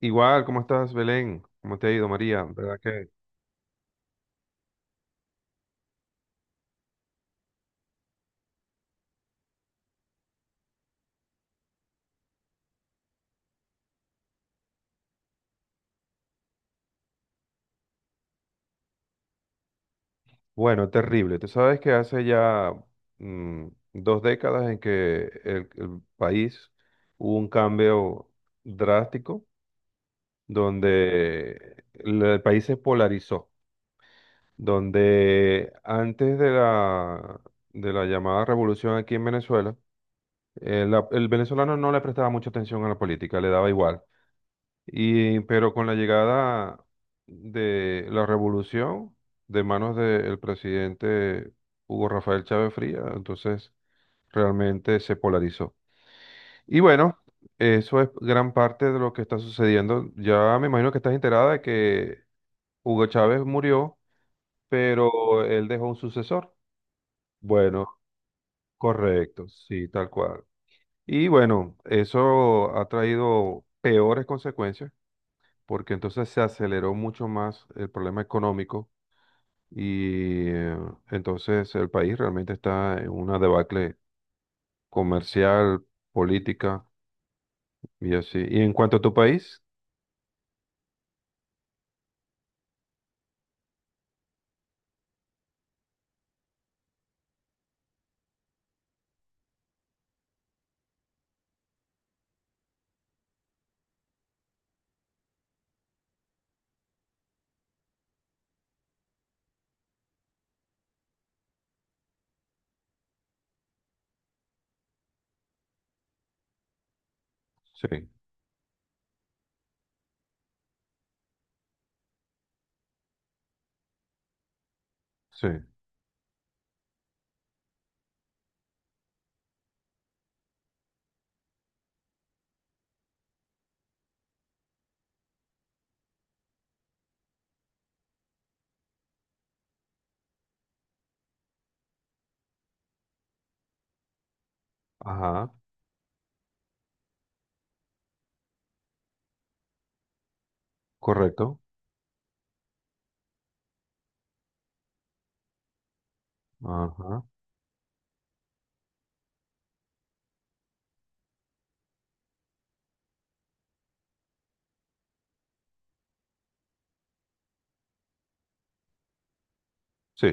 Igual, ¿cómo estás, Belén? ¿Cómo te ha ido, María? ¿Verdad que? Bueno, terrible. Tú sabes que hace ya mm, dos décadas en que el país hubo un cambio drástico donde el país se polarizó, donde antes de de la llamada revolución aquí en Venezuela, el venezolano no le prestaba mucha atención a la política, le daba igual. Pero con la llegada de la revolución de manos del presidente Hugo Rafael Chávez Frías, entonces realmente se polarizó. Y bueno, eso es gran parte de lo que está sucediendo. Ya me imagino que estás enterada de que Hugo Chávez murió, pero él dejó un sucesor. Bueno, correcto, sí, tal cual. Y bueno, eso ha traído peores consecuencias porque entonces se aceleró mucho más el problema económico y entonces el país realmente está en una debacle comercial, política y así. ¿Y en cuanto a tu país? Sí, sí, ajá, correcto, ajá, sí,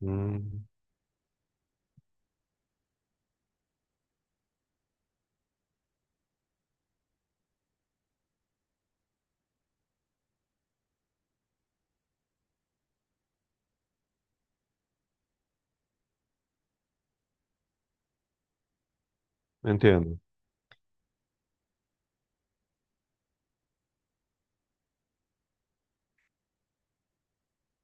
mm, entiendo,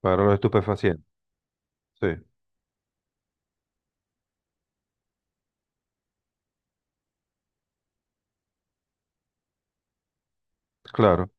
para los estupefacientes, sí, claro.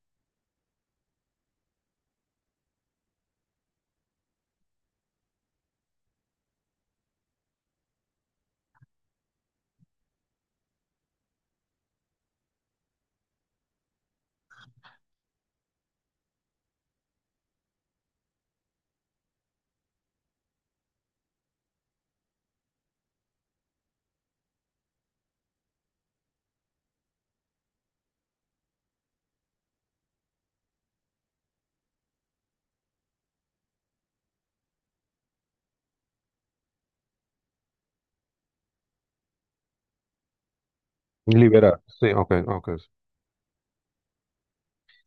Liberar, sí, ok, ok.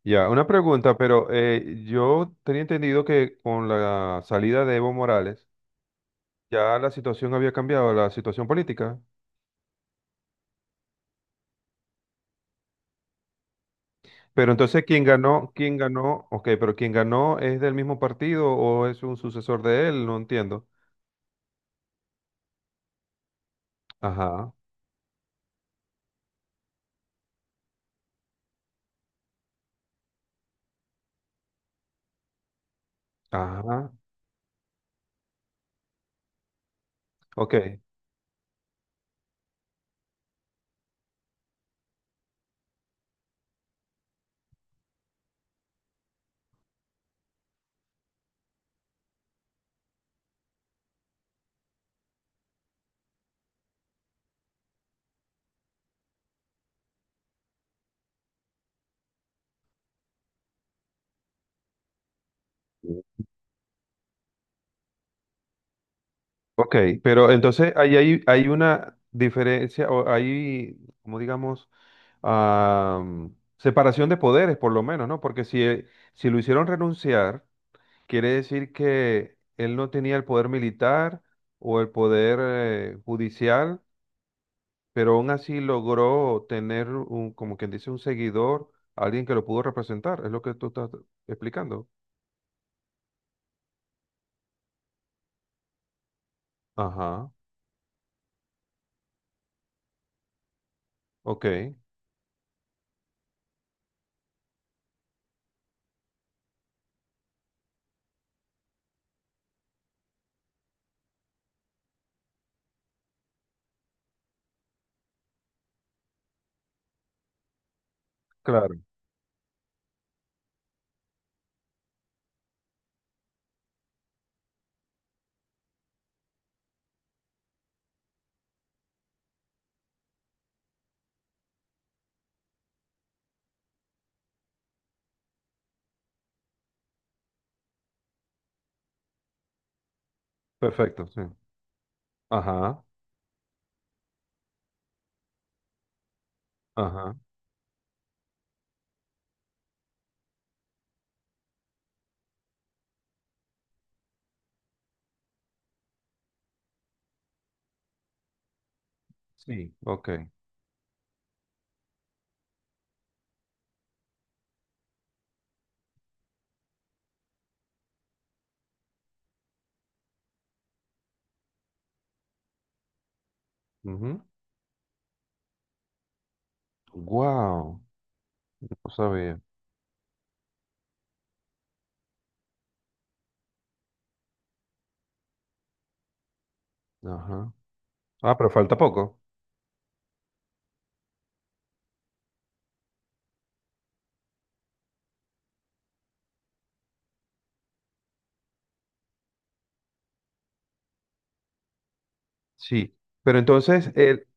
Ya, una pregunta, pero yo tenía entendido que con la salida de Evo Morales, ya la situación había cambiado, la situación política. Pero entonces, ¿quién ganó? ¿Quién ganó? Ok, pero ¿quién ganó es del mismo partido o es un sucesor de él? No entiendo. Ajá, ajá, ok. Ok, pero entonces ahí hay, hay una diferencia, o hay, como digamos, am, separación de poderes por lo menos, ¿no? Porque si, si lo hicieron renunciar, quiere decir que él no tenía el poder militar o el poder judicial, pero aún así logró tener un, como quien dice, un seguidor, alguien que lo pudo representar, es lo que tú estás explicando. Ajá, ok, claro, perfecto, sí. Ajá, ajá, sí, ok. Wow, no sabía. Ajá. Ah, pero falta poco. Sí, pero entonces, el,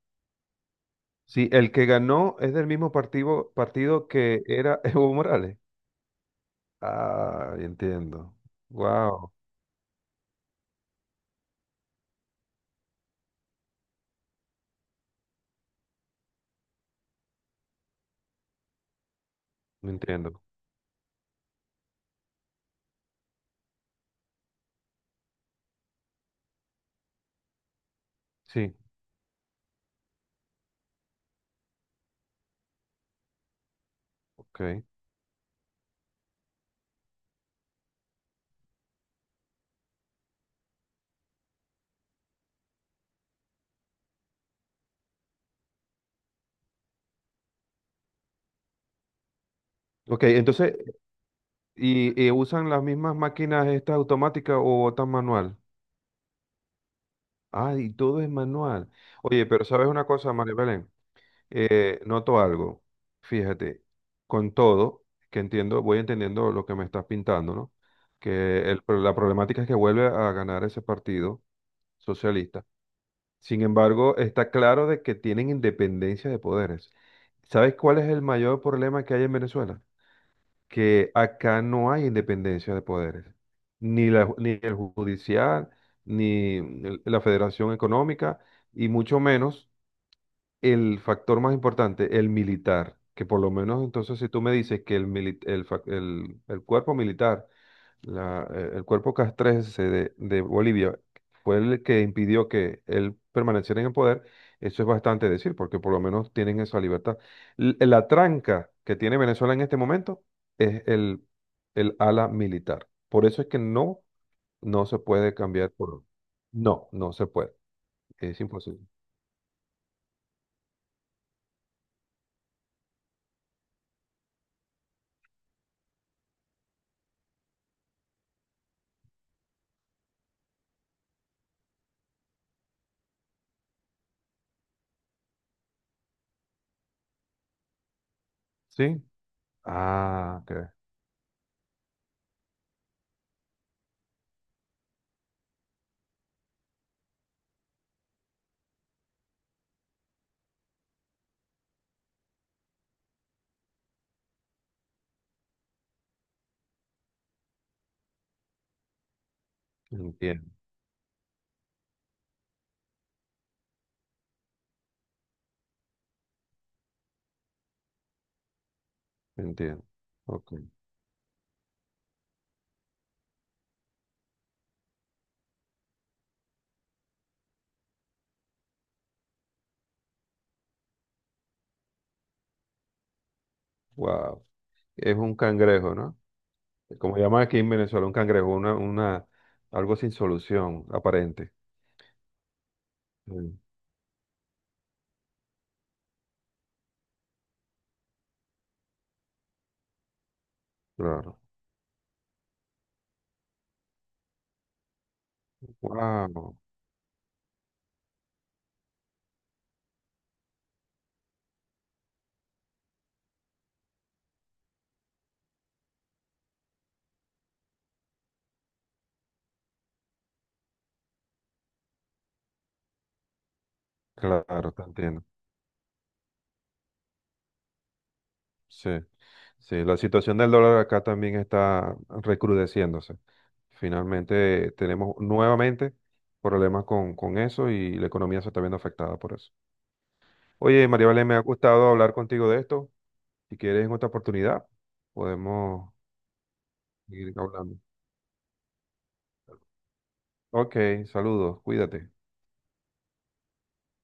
sí, el que ganó es del mismo partido que era Evo Morales. Ah, entiendo. Wow, entiendo. Sí, ok. Ok, entonces y usan las mismas máquinas estas automáticas o botan manual. Ah, y todo es manual. Oye, pero ¿sabes una cosa, María Belén? Noto algo. Fíjate, con todo, que entiendo, voy entendiendo lo que me estás pintando, ¿no? Que la problemática es que vuelve a ganar ese partido socialista. Sin embargo, está claro de que tienen independencia de poderes. ¿Sabes cuál es el mayor problema que hay en Venezuela? Que acá no hay independencia de poderes, ni la ni el judicial, ni la Federación Económica, y mucho menos el factor más importante, el militar, que por lo menos entonces si tú me dices que el cuerpo militar el cuerpo castrense de Bolivia fue el que impidió que él permaneciera en el poder, eso es bastante decir, porque por lo menos tienen esa libertad. La tranca que tiene Venezuela en este momento es el ala militar. Por eso es que no, no se puede cambiar por... No, no se puede. Es imposible. ¿Sí? Ah, ok. Entiendo, entiendo. Ok. Wow. Es un cangrejo, ¿no? Como llaman aquí en Venezuela, un cangrejo, una, algo sin solución aparente. Sí, claro. Wow, claro, te entiendo. Sí, sí, la situación del dólar acá también está recrudeciéndose. Finalmente tenemos nuevamente problemas con eso y la economía se está viendo afectada por eso. Oye, María Valen, me ha gustado hablar contigo de esto. Si quieres en otra oportunidad, podemos seguir hablando. Ok, saludos, cuídate.